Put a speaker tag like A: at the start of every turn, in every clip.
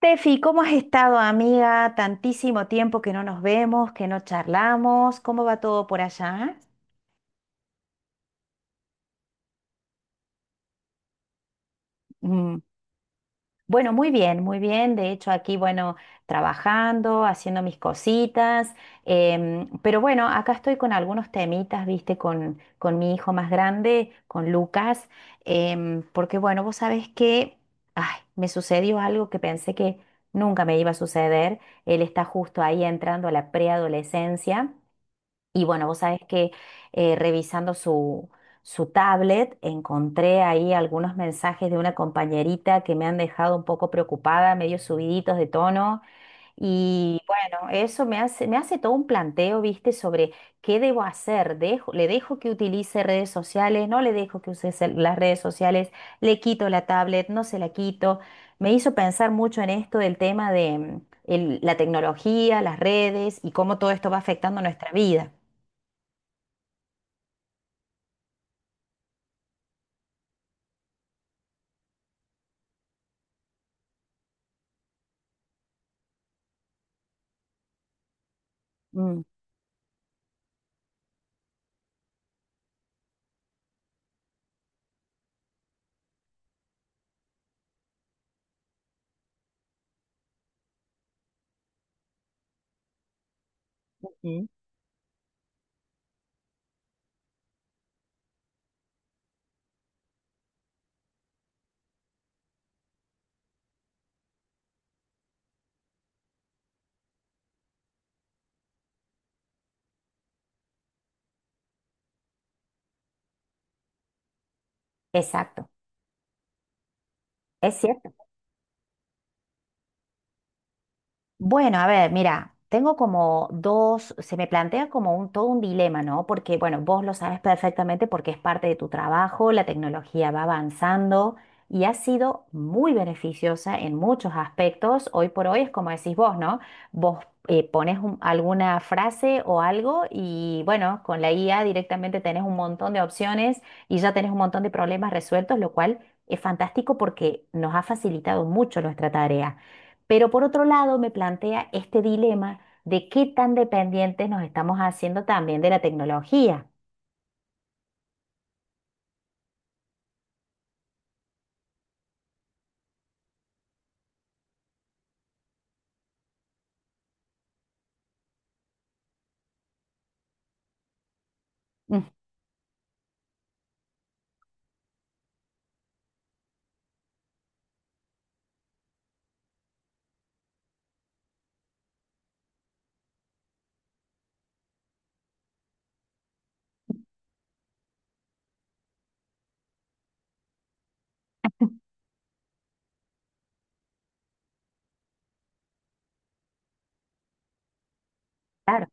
A: Tefi, ¿cómo has estado, amiga? Tantísimo tiempo que no nos vemos, que no charlamos. ¿Cómo va todo por allá? Mm, Bueno, muy bien, muy bien. De hecho, aquí, bueno, trabajando, haciendo mis cositas. Pero bueno, acá estoy con algunos temitas, viste, con mi hijo más grande, con Lucas. Porque bueno, vos sabés que, ay, me sucedió algo que pensé que nunca me iba a suceder. Él está justo ahí entrando a la preadolescencia. Y bueno, vos sabés que revisando su tablet encontré ahí algunos mensajes de una compañerita que me han dejado un poco preocupada, medio subiditos de tono. Y bueno, eso me hace todo un planteo, ¿viste? Sobre qué debo hacer. Dejo, ¿le dejo que utilice redes sociales? ¿No le dejo que use las redes sociales? ¿Le quito la tablet? ¿No se la quito? Me hizo pensar mucho en esto del tema de la tecnología, las redes y cómo todo esto va afectando nuestra vida. Mm, ujú, exacto, es cierto. Bueno, a ver, mira, tengo como dos, se me plantea como un, todo un dilema, ¿no? Porque, bueno, vos lo sabes perfectamente porque es parte de tu trabajo, la tecnología va avanzando y ha sido muy beneficiosa en muchos aspectos. Hoy por hoy es como decís vos, ¿no? Vos pones alguna frase o algo y, bueno, con la IA directamente tenés un montón de opciones y ya tenés un montón de problemas resueltos, lo cual es fantástico porque nos ha facilitado mucho nuestra tarea. Pero por otro lado, me plantea este dilema de qué tan dependientes nos estamos haciendo también de la tecnología. Mm, claro,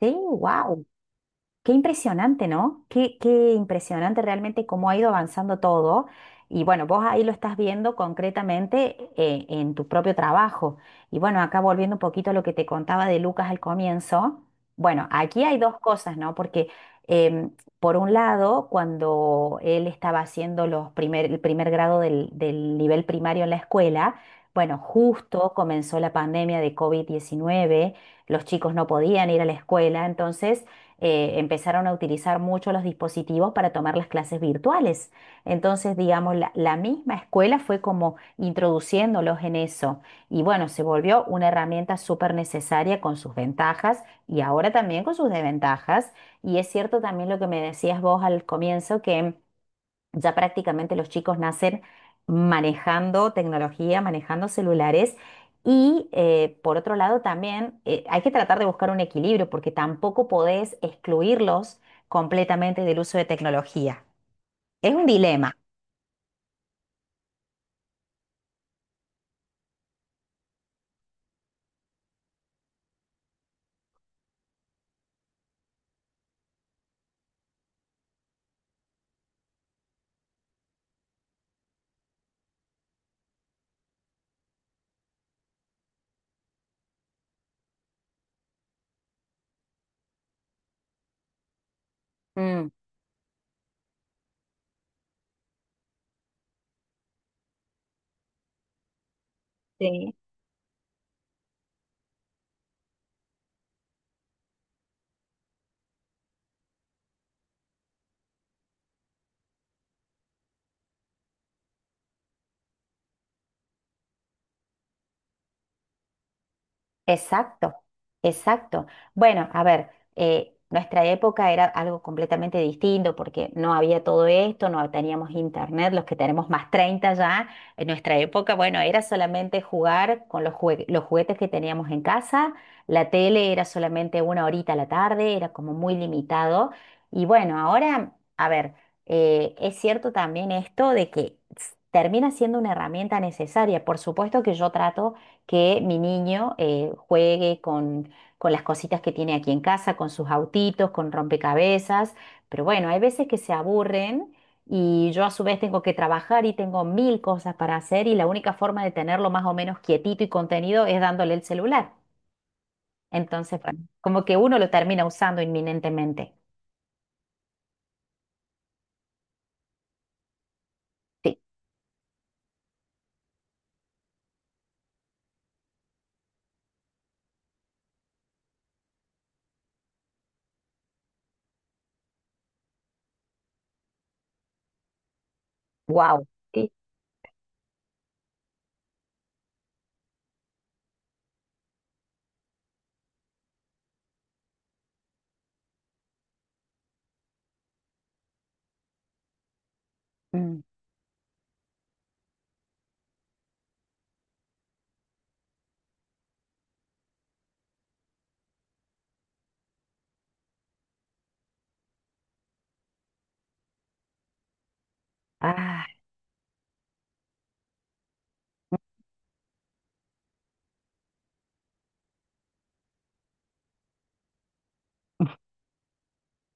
A: sí, wow. Qué impresionante, ¿no? Qué, qué impresionante realmente cómo ha ido avanzando todo. Y bueno, vos ahí lo estás viendo concretamente en tu propio trabajo. Y bueno, acá volviendo un poquito a lo que te contaba de Lucas al comienzo. Bueno, aquí hay dos cosas, ¿no? Porque em, por un lado, cuando él estaba haciendo los el primer grado del nivel primario en la escuela, bueno, justo comenzó la pandemia de COVID-19. Los chicos no podían ir a la escuela, entonces empezaron a utilizar mucho los dispositivos para tomar las clases virtuales. Entonces, digamos, la misma escuela fue como introduciéndolos en eso. Y bueno, se volvió una herramienta súper necesaria con sus ventajas y ahora también con sus desventajas. Y es cierto también lo que me decías vos al comienzo, que ya prácticamente los chicos nacen manejando tecnología, manejando celulares. Y por otro lado también hay que tratar de buscar un equilibrio porque tampoco podés excluirlos completamente del uso de tecnología. Es un dilema. Mm, sí. Exacto, exacto. Bueno, a ver, nuestra época era algo completamente distinto porque no había todo esto, no teníamos internet, los que tenemos más 30 ya, en nuestra época, bueno, era solamente jugar con los los juguetes que teníamos en casa, la tele era solamente una horita a la tarde, era como muy limitado. Y bueno, ahora, a ver, es cierto también esto de que termina siendo una herramienta necesaria. Por supuesto que yo trato que mi niño juegue con las cositas que tiene aquí en casa, con sus autitos, con rompecabezas. Pero bueno, hay veces que se aburren y yo a su vez tengo que trabajar y tengo mil cosas para hacer y la única forma de tenerlo más o menos quietito y contenido es dándole el celular. Entonces, bueno, como que uno lo termina usando inminentemente. Sí, wow. Sí. Mm. Ah.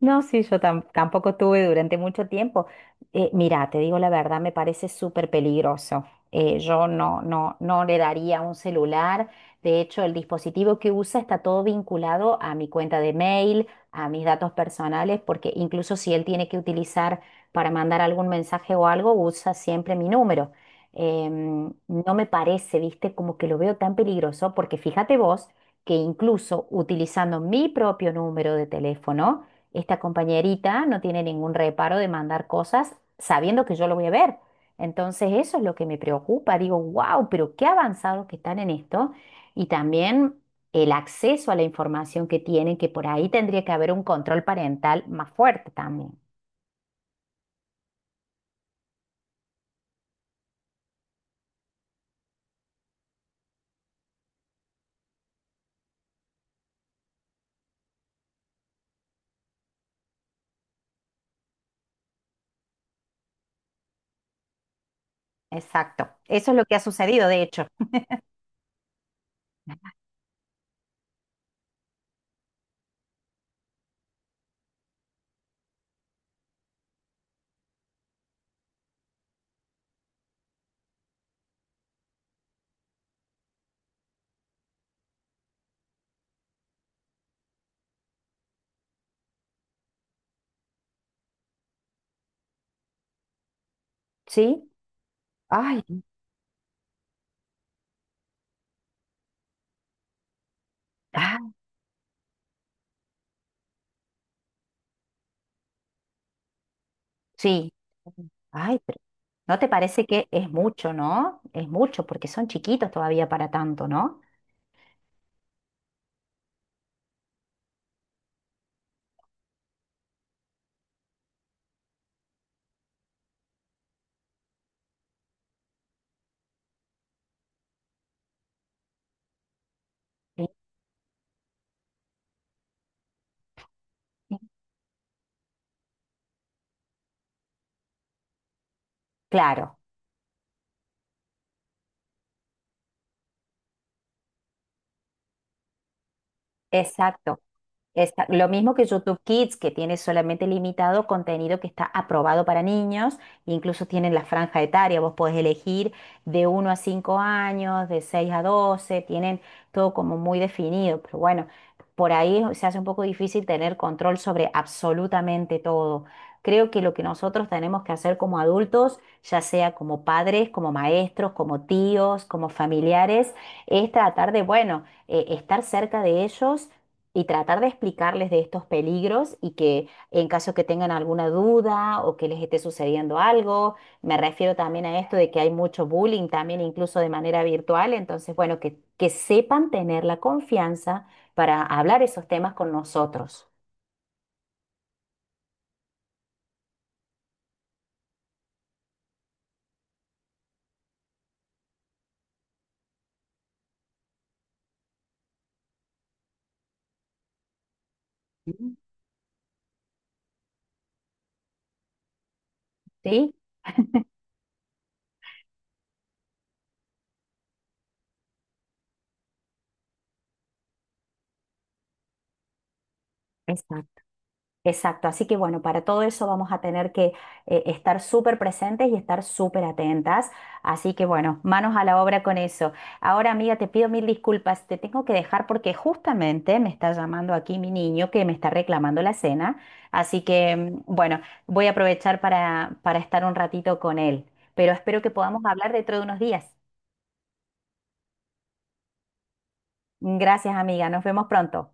A: No, sí, yo tampoco tuve durante mucho tiempo. Mira, te digo la verdad, me parece súper peligroso. Yo no le daría un celular. De hecho, el dispositivo que usa está todo vinculado a mi cuenta de mail, a mis datos personales, porque incluso si él tiene que utilizar para mandar algún mensaje o algo, usa siempre mi número. No me parece, viste, como que lo veo tan peligroso, porque fíjate vos que incluso utilizando mi propio número de teléfono, esta compañerita no tiene ningún reparo de mandar cosas sabiendo que yo lo voy a ver. Entonces eso es lo que me preocupa. Digo, wow, pero qué avanzados que están en esto. Y también el acceso a la información que tienen, que por ahí tendría que haber un control parental más fuerte también. Exacto. Eso es lo que ha sucedido, de hecho. ¿Sí? Ay, ah, sí. Ay, pero ¿no te parece que es mucho, no? Es mucho porque son chiquitos todavía para tanto, ¿no? Sí. Claro. Exacto. Esta- lo mismo que YouTube Kids, que tiene solamente limitado contenido que está aprobado para niños, incluso tienen la franja etaria, vos podés elegir de 1 a 5 años, de 6 a 12. Tienen todo como muy definido, pero bueno, por ahí se hace un poco difícil tener control sobre absolutamente todo. Creo que lo que nosotros tenemos que hacer como adultos, ya sea como padres, como maestros, como tíos, como familiares, es tratar de, bueno, estar cerca de ellos y tratar de explicarles de estos peligros y que en caso que tengan alguna duda o que les esté sucediendo algo, me refiero también a esto de que hay mucho bullying también incluso de manera virtual, entonces bueno, que sepan tener la confianza para hablar esos temas con nosotros, sí, exacto. Exacto, así que bueno, para todo eso vamos a tener que estar súper presentes y estar súper atentas. Así que bueno, manos a la obra con eso. Ahora, amiga, te pido mil disculpas, te tengo que dejar porque justamente me está llamando aquí mi niño que me está reclamando la cena. Así que bueno, voy a aprovechar para estar un ratito con él, pero espero que podamos hablar dentro de unos días. Gracias, amiga, nos vemos pronto.